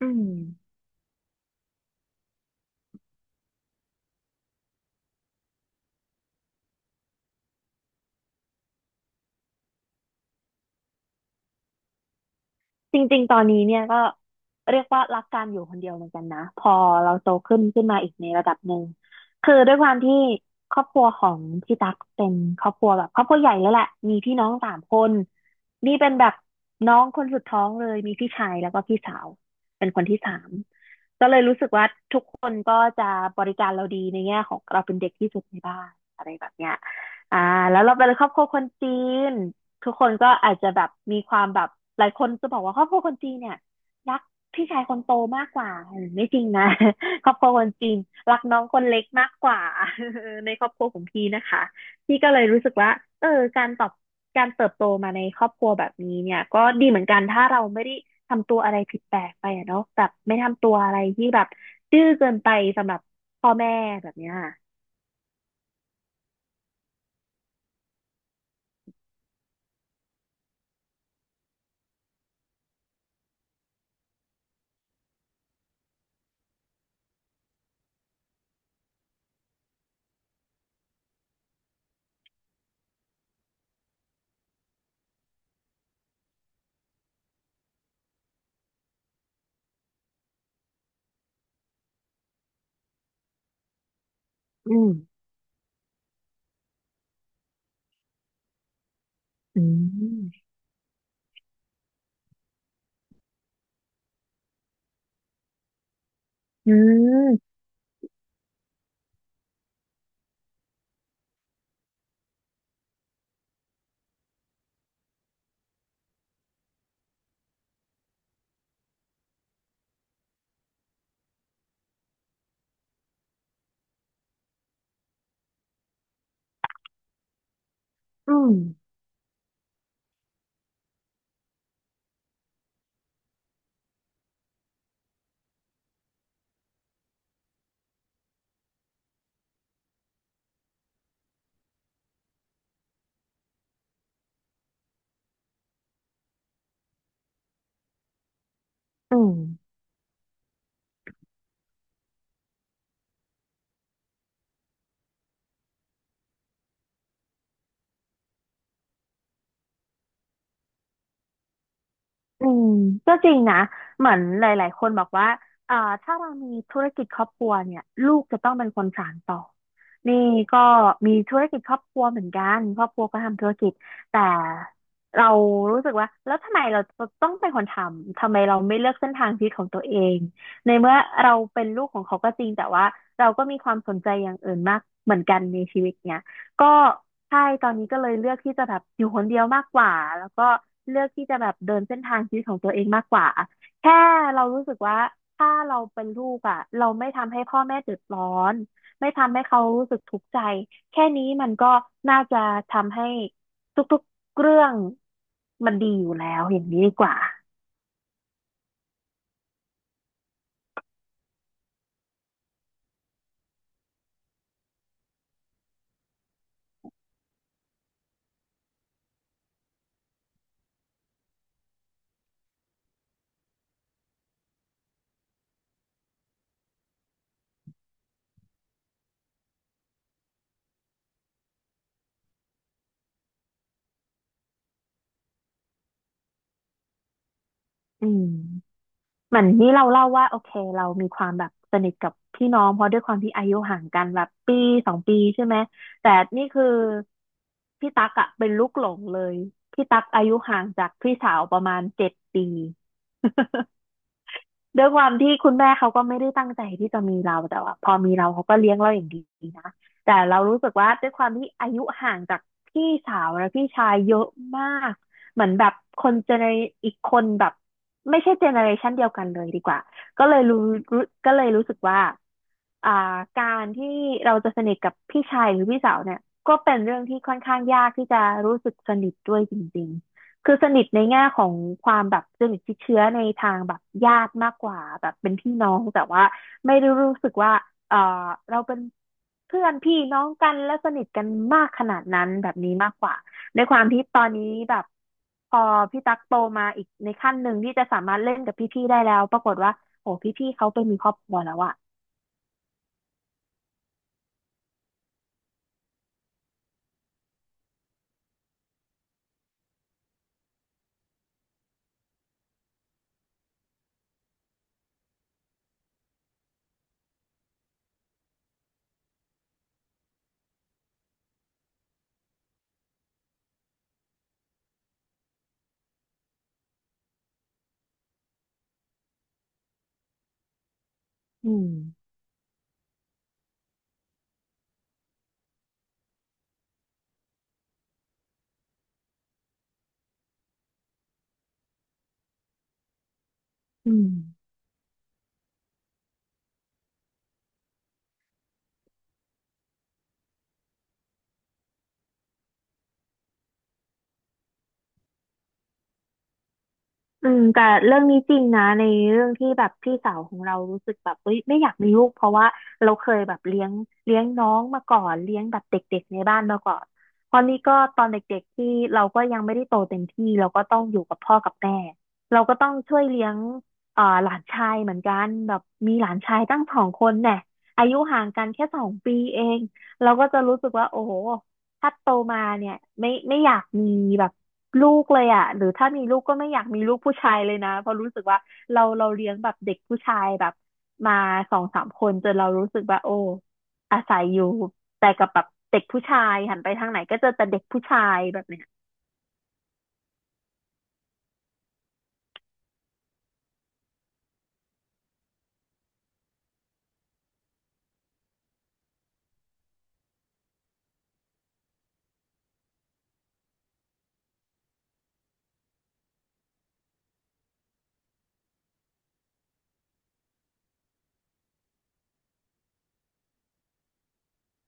อืมจริงๆ ตอนนี้เนี่ยก็เรียกว่ารักการอยู่คนเดียวเหมือนกันนะพอเราโตขึ้นมาอีกในระดับหนึ่งคือด้วยความที่ครอบครัวของพี่ตั๊กเป็นครอบครัวแบบครอบครัวใหญ่แล้วแหละมีพี่น้องสามคนนี่เป็นแบบน้องคนสุดท้องเลยมีพี่ชายแล้วก็พี่สาวเป็นคนที่สามก็เลยรู้สึกว่าทุกคนก็จะบริการเราดีในแง่ของเราเป็นเด็กที่สุดในบ้านอะไรแบบเนี้ยอ่าแล้วเราเป็นครอบครัวคนจีน ทุกคนก็อาจจะแบบมีความแบบหลายคนจะบอกว่าครอบครัวคนจีนเนี่ยรักพี่ชายคนโตมากกว่าเออไม่จริงนะ ครอบครัวคนจีนรักน้องคนเล็กมากกว่า ในครอบครัวของพี่นะคะพี่ก็เลยรู้สึกว่าเออการตอบการเติบโตมาในครอบครัวแบบนี้เนี่ยก็ดีเหมือนกันถ้าเราไม่ได้ทำตัวอะไรผิดแปลกไปอะเนาะแบบไม่ทำตัวอะไรที่แบบดื้อเกินไปสำหรับพ่อแม่แบบเนี้ยอืมอืมอืมอืมอืม อืมก็จริงนะเหมือนหลายๆคนบอกว่าเอ่อถ้าเรามีธุรกิจครอบครัวเนี่ยลูกจะต้องเป็นคนสานต่อนี่ก็มีธุรกิจครอบครัวเหมือนกันครอบครัวก็ทำธุรกิจแต่เรารู้สึกว่าแล้วทำไมเราต้องเป็นคนทำทำไมเราไม่เลือกเส้นทางชีวิตของตัวเองในเมื่อเราเป็นลูกของเขาก็จริงแต่ว่าเราก็มีความสนใจอย่างอื่นมากเหมือนกันในชีวิต ก็ใช่ตอนนี้ก็เลยเลือกที่จะแบบอยู่คนเดียวมากกว่าแล้วก็เลือกที่จะแบบเดินเส้นทางชีวิตของตัวเองมากกว่าแค่เรารู้สึกว่าถ้าเราเป็นลูกอ่ะเราไม่ทำให้พ่อแม่เดือดร้อนไม่ทำให้เขารู้สึกทุกข์ใจแค่นี้มันก็น่าจะทำให้ทุกๆเรื่องมันดีอยู่แล้วอย่างนี้ดีกว่าอืม เหมือนนี่เราเล่าว่าโอเคเรามีความแบบสนิทกับพี่น้องเพราะด้วยความที่อายุห่างกันแบบปีสองปีใช่ไหมแต่นี่คือพี่ตั๊กอะเป็นลูกหลงเลยพี่ตั๊กอายุห่างจากพี่สาวประมาณ7 ปี ด้วยความที่คุณแม่เขาก็ไม่ได้ตั้งใจที่จะมีเราแต่ว่าพอมีเราเขาก็เลี้ยงเราอย่างดีนะแต่เรารู้สึกว่าด้วยความที่อายุห่างจากพี่สาวและพี่ชายเยอะมากเหมือนแบบคนเจเนอีกคนแบบไม่ใช่เจเนอเรชันเดียวกันเลยดีกว่าก็เลยรู้รู้สึกว่าอ่าการที่เราจะสนิทกับพี่ชายหรือพี่สาวเนี่ยก็เป็นเรื่องที่ค่อนข้างยากที่จะรู้สึกสนิทด้วยจริง คือสนิทในแง่ของความแบบสนิทชิดเชื้อในทางแบบญาติมากกว่าแบบเป็นพี่น้องแต่ว่าไม่ได้รู้สึกว่าเออเราเป็นเพื่อนพี่น้องกันและสนิทกันมากขนาดนั้นแบบนี้มากกว่าในความที่ตอนนี้แบบพอพี่ตั๊กโตมาอีกในขั้นหนึ่งที่จะสามารถเล่นกับพี่ๆได้แล้วปรากฏว่าโอ้พี่ๆเขาไปมีครอบครัวแล้วอะอืมอืม อืมแต่เรื่องนี้จริงนะในเรื่องที่แบบพี่สาวของเรารู้สึกแบบเฮ้ยไม่อยากมีลูกเพราะว่าเราเคยแบบเลี้ยงน้องมาก่อนเลี้ยงแบบเด็กๆในบ้านมาก่อนตอนนี้ก็ตอนเด็กๆที่เราก็ยังไม่ได้โตเต็มที่เราก็ต้องอยู่กับพ่อกับแม่เราก็ต้องช่วยเลี้ยงหลานชายเหมือนกันแบบมีหลานชายตั้ง2 คนเนี่ยอายุห่างกันแค่สองปีเองเราก็จะรู้สึกว่าโอ้โหถ้าโตมาเนี่ยไม่อยากมีแบบ ลูกเลยอ่ะหรือถ้ามีลูกก็ไม่อยากมีลูกผู้ชายเลยนะ เพราะรู้สึกว่าเราเลี้ยงแบบเด็กผู้ชายแบบมา2-3 คนจนเรารู้สึกว่าโอ้อาศัยอยู่แต่กับแบบเด็กผู้ชายหันไปทางไหนก็เจอแต่เด็กผู้ชายแบบเนี้ย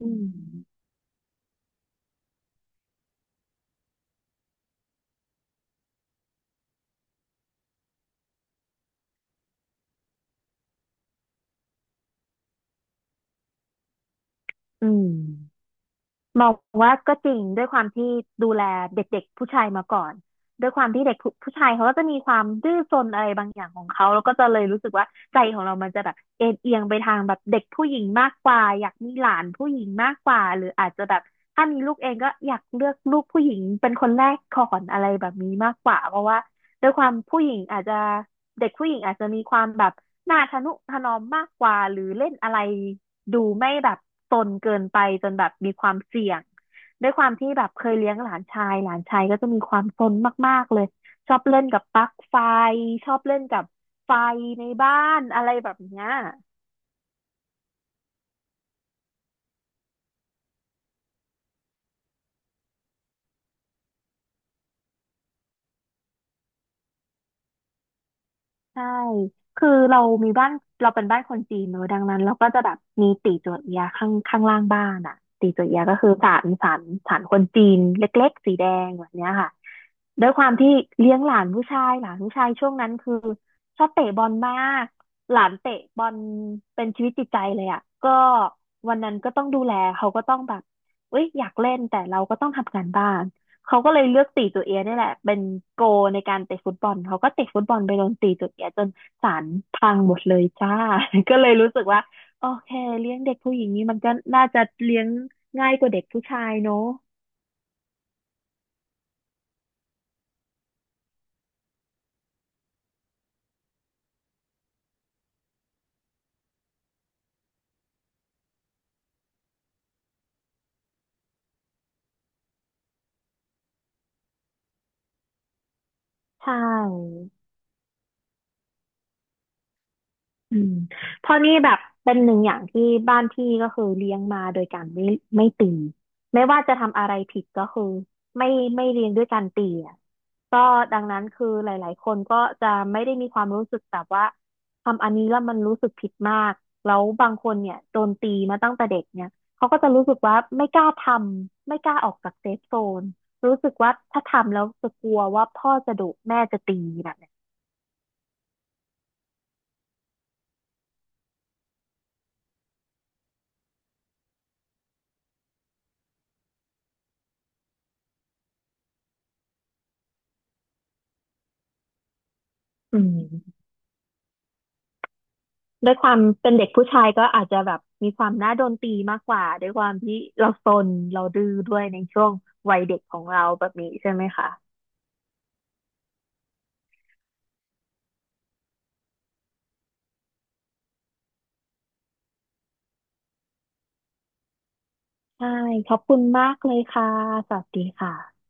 อืมอืม มองว่าก็จริงด้วยความที่ดูแลเด็กๆผู้ชายมาก่อนด้วยความที่เด็กผู้ชายเขาก็จะมีความดื้อซนอะไรบางอย่างของเขาแล้วก็จะเลยรู้สึกว่าใจของเรามันจะแบบเอ็นเอียงไปทางแบบเด็กผู้หญิงมากกว่าอยากมีหลานผู้หญิงมากกว่าหรืออาจจะแบบถ้ามีลูกเองก็อยากเลือกลูกผู้หญิงเป็นคนแรกก่อนอะไรแบบนี้มากกว่าเพราะว่าด้วยความผู้หญิงอาจจะเด็กผู้หญิงอาจจะมีความแบบหน้าทะนุถนอมมากกว่าหรือเล่นอะไร ดูไม่แบบซนเกินไปจนแบบมีความเสี่ยงด้วยความที่แบบเคยเลี้ยงหลานชายก็จะมีความซนมากๆเลยชอบเล่นกับปลั๊กไฟชอบเล่นกับไฟในบ้านอะไรแบบเนี้ย ใช่ คือเรามีบ้านเราเป็นบ้านคนจีนเนอะดังนั้นเราก็จะแบบมีตีจั่วเอียข้างล่างบ้านอ่ะตีจั่วเอียก็คือศาลคนจีนเล็กๆสีแดงแบบเนี้ยค่ะด้วยความที่เลี้ยงหลานผู้ชายช่วงนั้นคือชอบเตะบอลมากหลานเตะบอลเป็นชีวิตจิตใจเลยอ่ะก็วันนั้นก็ต้องดูแลเขาก็ต้องแบบเอ้ยอยากเล่นแต่เราก็ต้องทำงานบ้าน เขาก็เลยเลือกตีตัวเอียดนี่ยแหละ เป็นโกในการเตะฟุตบอลเขาก็เตะฟุตบอลไปโดนตีตัวเอียจนศาลพังหมดเลยจ้า ก็เลยรู้สึกว่าโอเคเลี้ยงเด็กผู้หญิงนี้มันก็น่าจะเลี้ยงง่ายกว่าเด็กผู้ชายเนอะใช่ อืมเพราะนี่แบบเป็นหนึ่งอย่างที่บ้านพี่ก็คือเลี้ยงมาโดยการไม่ตีไม่ว่าจะทำอะไรผิดก็คือไม่ไม่เลี้ยงด้วยการตีอ่ะก็ดังนั้นคือหลายๆคนก็จะไม่ได้มีความรู้สึกแบบว่าทำอันนี้แล้วมันรู้สึกผิดมากแล้วบางคนเนี่ยโดนตีมาตั้งแต่เด็กเนี่ยเขาก็จะรู้สึกว่าไม่กล้าทำไม่กล้าออกจากเซฟโซนรู้สึกว่าถ้าทำแล้วจะกลัวว่าพ่อจะดุแม่จะตีแบบเนี้ยอืม ด้วยความเป็นเด็กผู้ชายก็อาจจะแบบมีความน่าโดนตีมากกว่าด้วยความที่เราซนเราดื้อด้วยในช่วงวัยเด็กของเราแบบนี้ใช่ไหมคะใช่ขอบคุณมากเลยค่ะสวัสดีค่ะ